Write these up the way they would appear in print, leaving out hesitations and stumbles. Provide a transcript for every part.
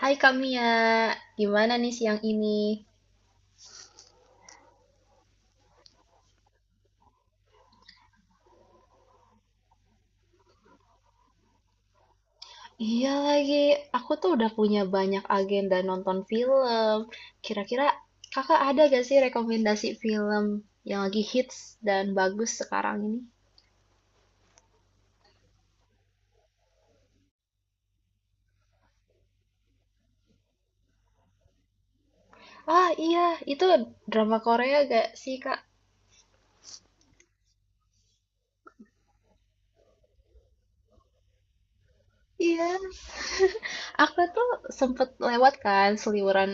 Hai Kamia, gimana nih siang ini? Iya lagi, aku tuh udah punya banyak agenda nonton film. Kira-kira kakak ada gak sih rekomendasi film yang lagi hits dan bagus sekarang ini? Ah iya, itu drama Korea gak sih kak? Iya, aku tuh sempet lewat kan seliweran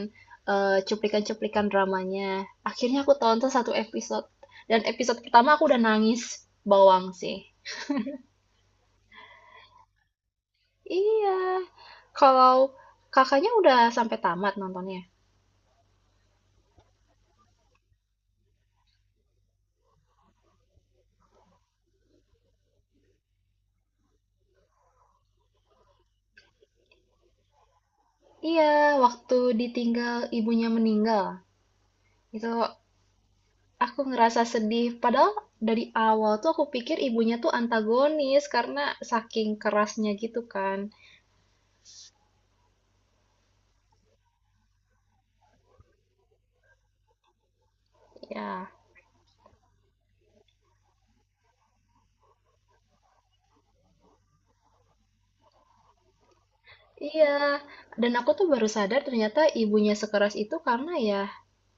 cuplikan-cuplikan dramanya. Akhirnya aku tonton satu episode. Dan episode pertama aku udah nangis bawang sih. Iya. Kalau Kakaknya udah sampai tamat nontonnya? Iya, waktu ditinggal ibunya meninggal. Itu aku ngerasa sedih. Padahal dari awal tuh aku pikir ibunya tuh antagonis karena saking kerasnya gitu kan. Ya, iya. Dan aku tuh baru sadar ternyata ibunya sekeras itu karena ya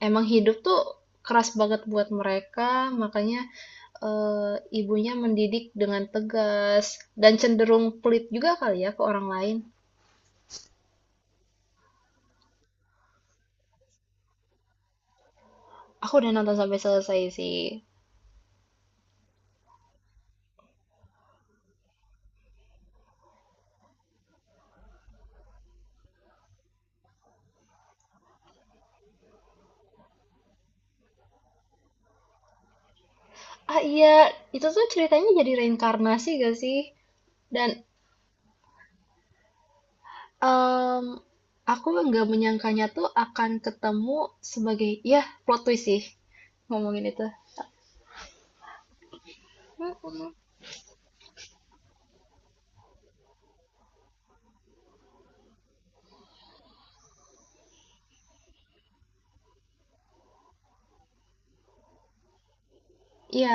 emang hidup tuh keras banget buat mereka. Makanya ibunya mendidik dengan tegas dan cenderung pelit juga kali ya ke orang lain. Aku udah nonton sampai selesai sih. Ah iya, itu tuh ceritanya jadi reinkarnasi gak sih? Dan em, aku nggak menyangkanya tuh akan ketemu sebagai ya plot twist sih ngomongin itu. Mm-mm. Iya,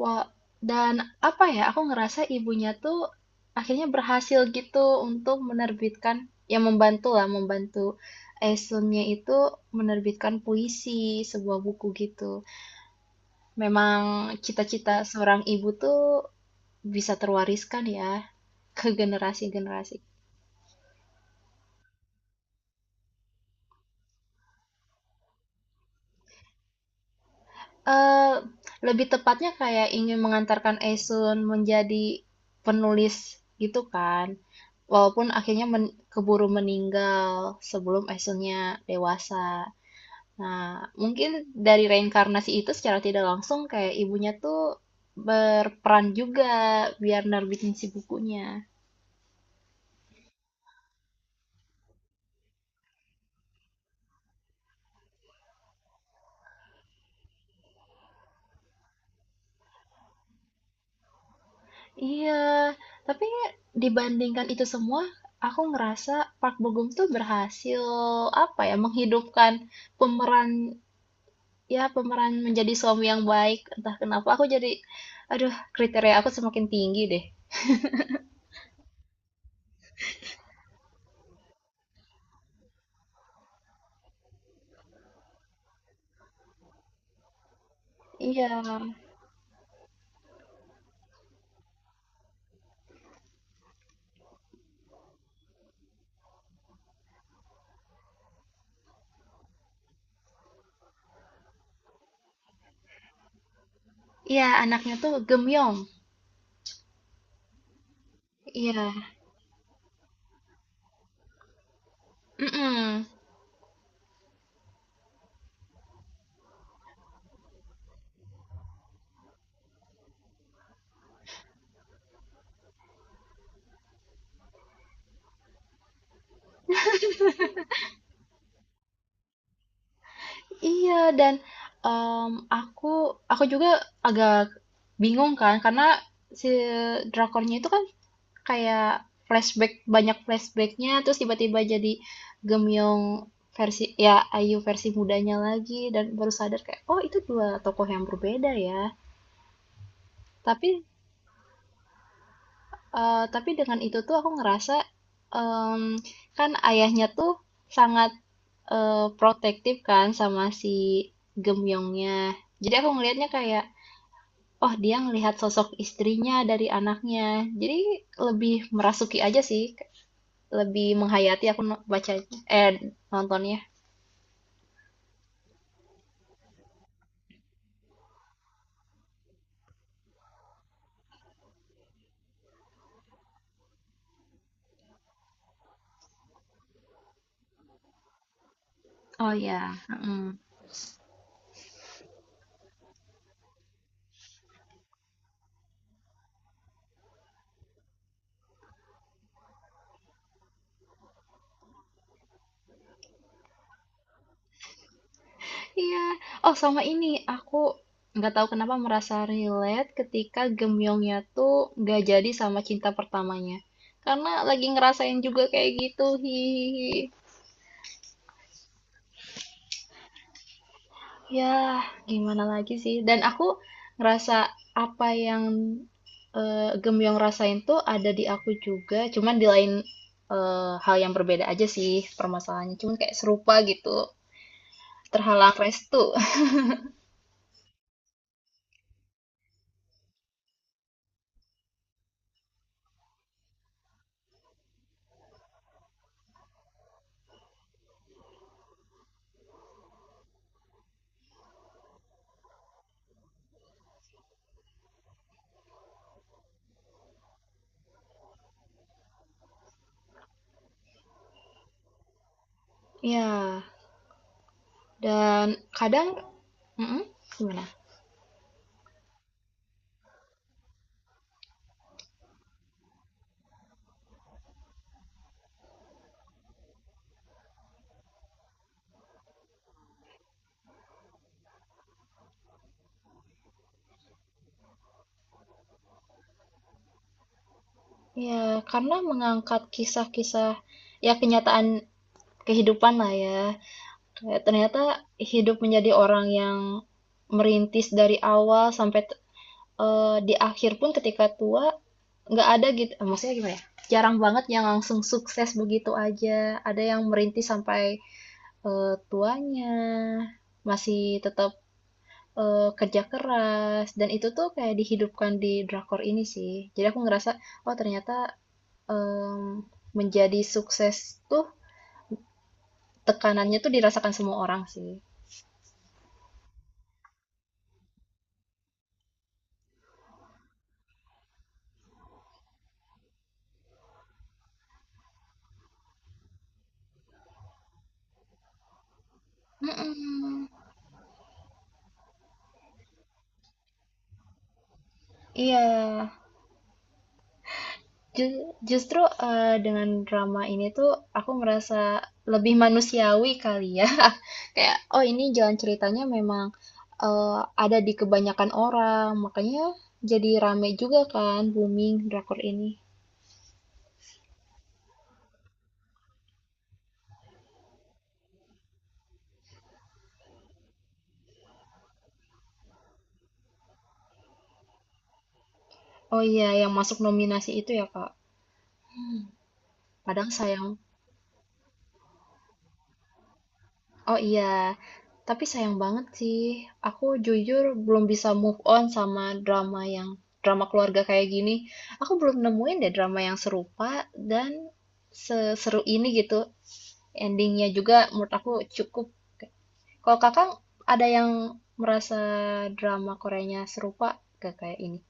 wah, dan apa ya, aku ngerasa ibunya tuh akhirnya berhasil gitu untuk menerbitkan, yang membantu lah, membantu Esunnya itu menerbitkan puisi, sebuah buku gitu. Memang cita-cita seorang ibu tuh bisa terwariskan ya ke generasi-generasi. Eee, Lebih tepatnya kayak ingin mengantarkan Aisun menjadi penulis gitu kan. Walaupun akhirnya keburu meninggal sebelum Aisunnya dewasa. Nah, mungkin dari reinkarnasi itu secara tidak langsung kayak ibunya tuh berperan juga biar nerbitin si bukunya. Iya, tapi dibandingkan itu semua, aku ngerasa Park Bo Gum tuh berhasil apa ya menghidupkan pemeran, ya pemeran menjadi suami yang baik. Entah kenapa aku jadi aduh kriteria aku semakin tinggi deh. Iya, iya anaknya tuh Gemyong iya. Mm-mm. Iya dan em, aku aku juga agak bingung kan karena si drakornya itu kan kayak flashback, banyak flashbacknya terus tiba-tiba jadi Gemyong versi ya Ayu versi mudanya lagi dan baru sadar kayak oh itu dua tokoh yang berbeda ya tapi. Tapi dengan itu tuh aku ngerasa, mmm, kan ayahnya tuh sangat, protektif kan sama si Gemyongnya. Jadi aku ngelihatnya kayak, oh dia ngelihat sosok istrinya dari anaknya. Jadi lebih merasuki aja sih, lebih menghayati aku no bacanya eh, nontonnya. Oh ya, mhm. Iya. Oh, sama ini aku nggak tahu kenapa merasa relate ketika Gemyongnya tuh nggak jadi sama cinta pertamanya. Karena lagi ngerasain juga kayak gitu. Hihihi. Ya, gimana lagi sih? Dan aku ngerasa apa yang Gemyong rasain tuh ada di aku juga, cuman di lain hal yang berbeda aja sih permasalahannya. Cuman kayak serupa gitu, terhalang restu. Ya, dan kadang, mm-mm, gimana? Ya karena mengangkat kisah-kisah ya kenyataan kehidupan lah ya. Kayak ternyata hidup menjadi orang yang merintis dari awal sampai di akhir pun ketika tua nggak ada gitu. Maksudnya gimana ya? Jarang banget yang langsung sukses begitu aja. Ada yang merintis sampai tuanya masih tetap kerja keras dan itu tuh kayak dihidupkan di drakor ini sih. Jadi aku ngerasa oh ternyata, mmm, menjadi sukses tuh tekanannya tuh dirasakan semua orang sih. Mhm, iya. Ju Justru, dengan drama ini tuh aku merasa lebih manusiawi kali ya. Kayak, oh ini jalan ceritanya memang, eee, ada di kebanyakan orang, makanya jadi rame juga kan booming drakor ini. Oh iya, yang masuk nominasi itu ya, Kak. Kadang sayang. Oh iya, tapi sayang banget sih. Aku jujur belum bisa move on sama drama yang drama keluarga kayak gini. Aku belum nemuin deh drama yang serupa dan seseru ini gitu. Endingnya juga menurut aku cukup. Kalau kakak ada yang merasa drama Koreanya serupa gak kayak ini?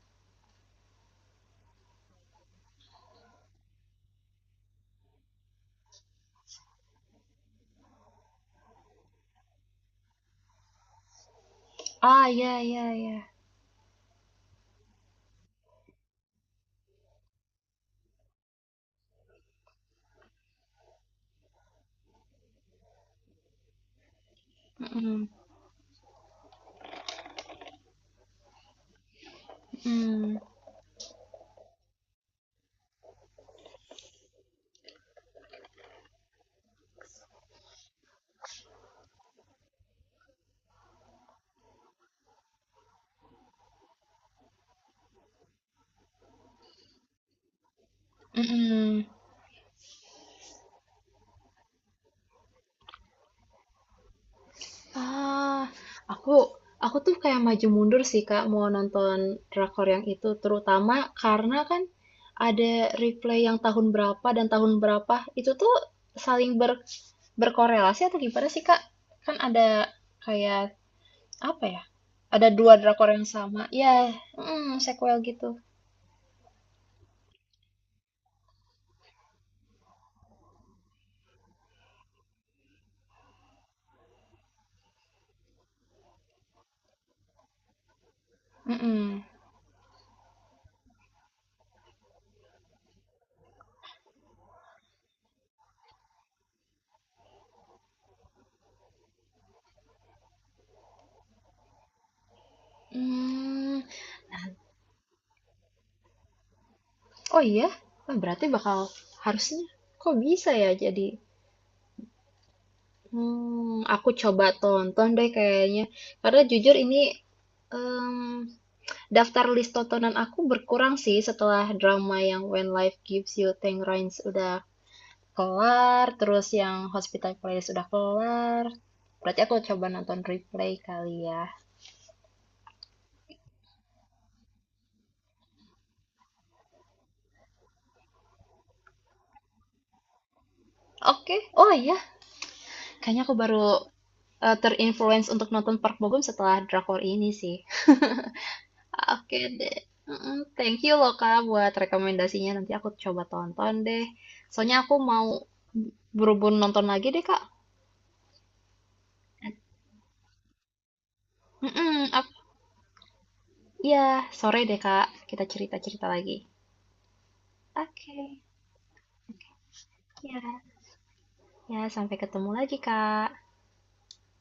Ah, iya, iya, iya. Mm-mm. Mm-mm. Mm-mm. Ah, aku aku tuh kayak maju mundur sih Kak mau nonton drakor yang itu terutama karena kan ada replay yang tahun berapa dan tahun berapa itu tuh saling ber, berkorelasi atau gimana sih Kak? Kan ada kayak apa ya? Ada dua drakor yang sama. Ya, mm, sequel gitu. Mm-mm. Hmm, oh iya, wah, berarti bakal harusnya kok bisa ya jadi. Hmm, aku coba tonton deh kayaknya. Karena jujur ini em, daftar list tontonan aku berkurang sih setelah drama yang When Life Gives You Tangerines udah kelar, terus yang Hospital Playlist udah kelar. Berarti aku coba nonton replay kali ya. Oke, oh iya, kayaknya aku baru terinfluence untuk nonton Park Bo Gum setelah drakor ini sih. Oke deh. Mm-mm, thank you loh Kak buat rekomendasinya. Nanti aku coba tonton deh. Soalnya aku mau berhubung nonton lagi deh Kak. Mm-mm, ap- ya, sore deh Kak. Kita cerita-cerita lagi. Oke. Ya, ya sampai ketemu lagi Kak.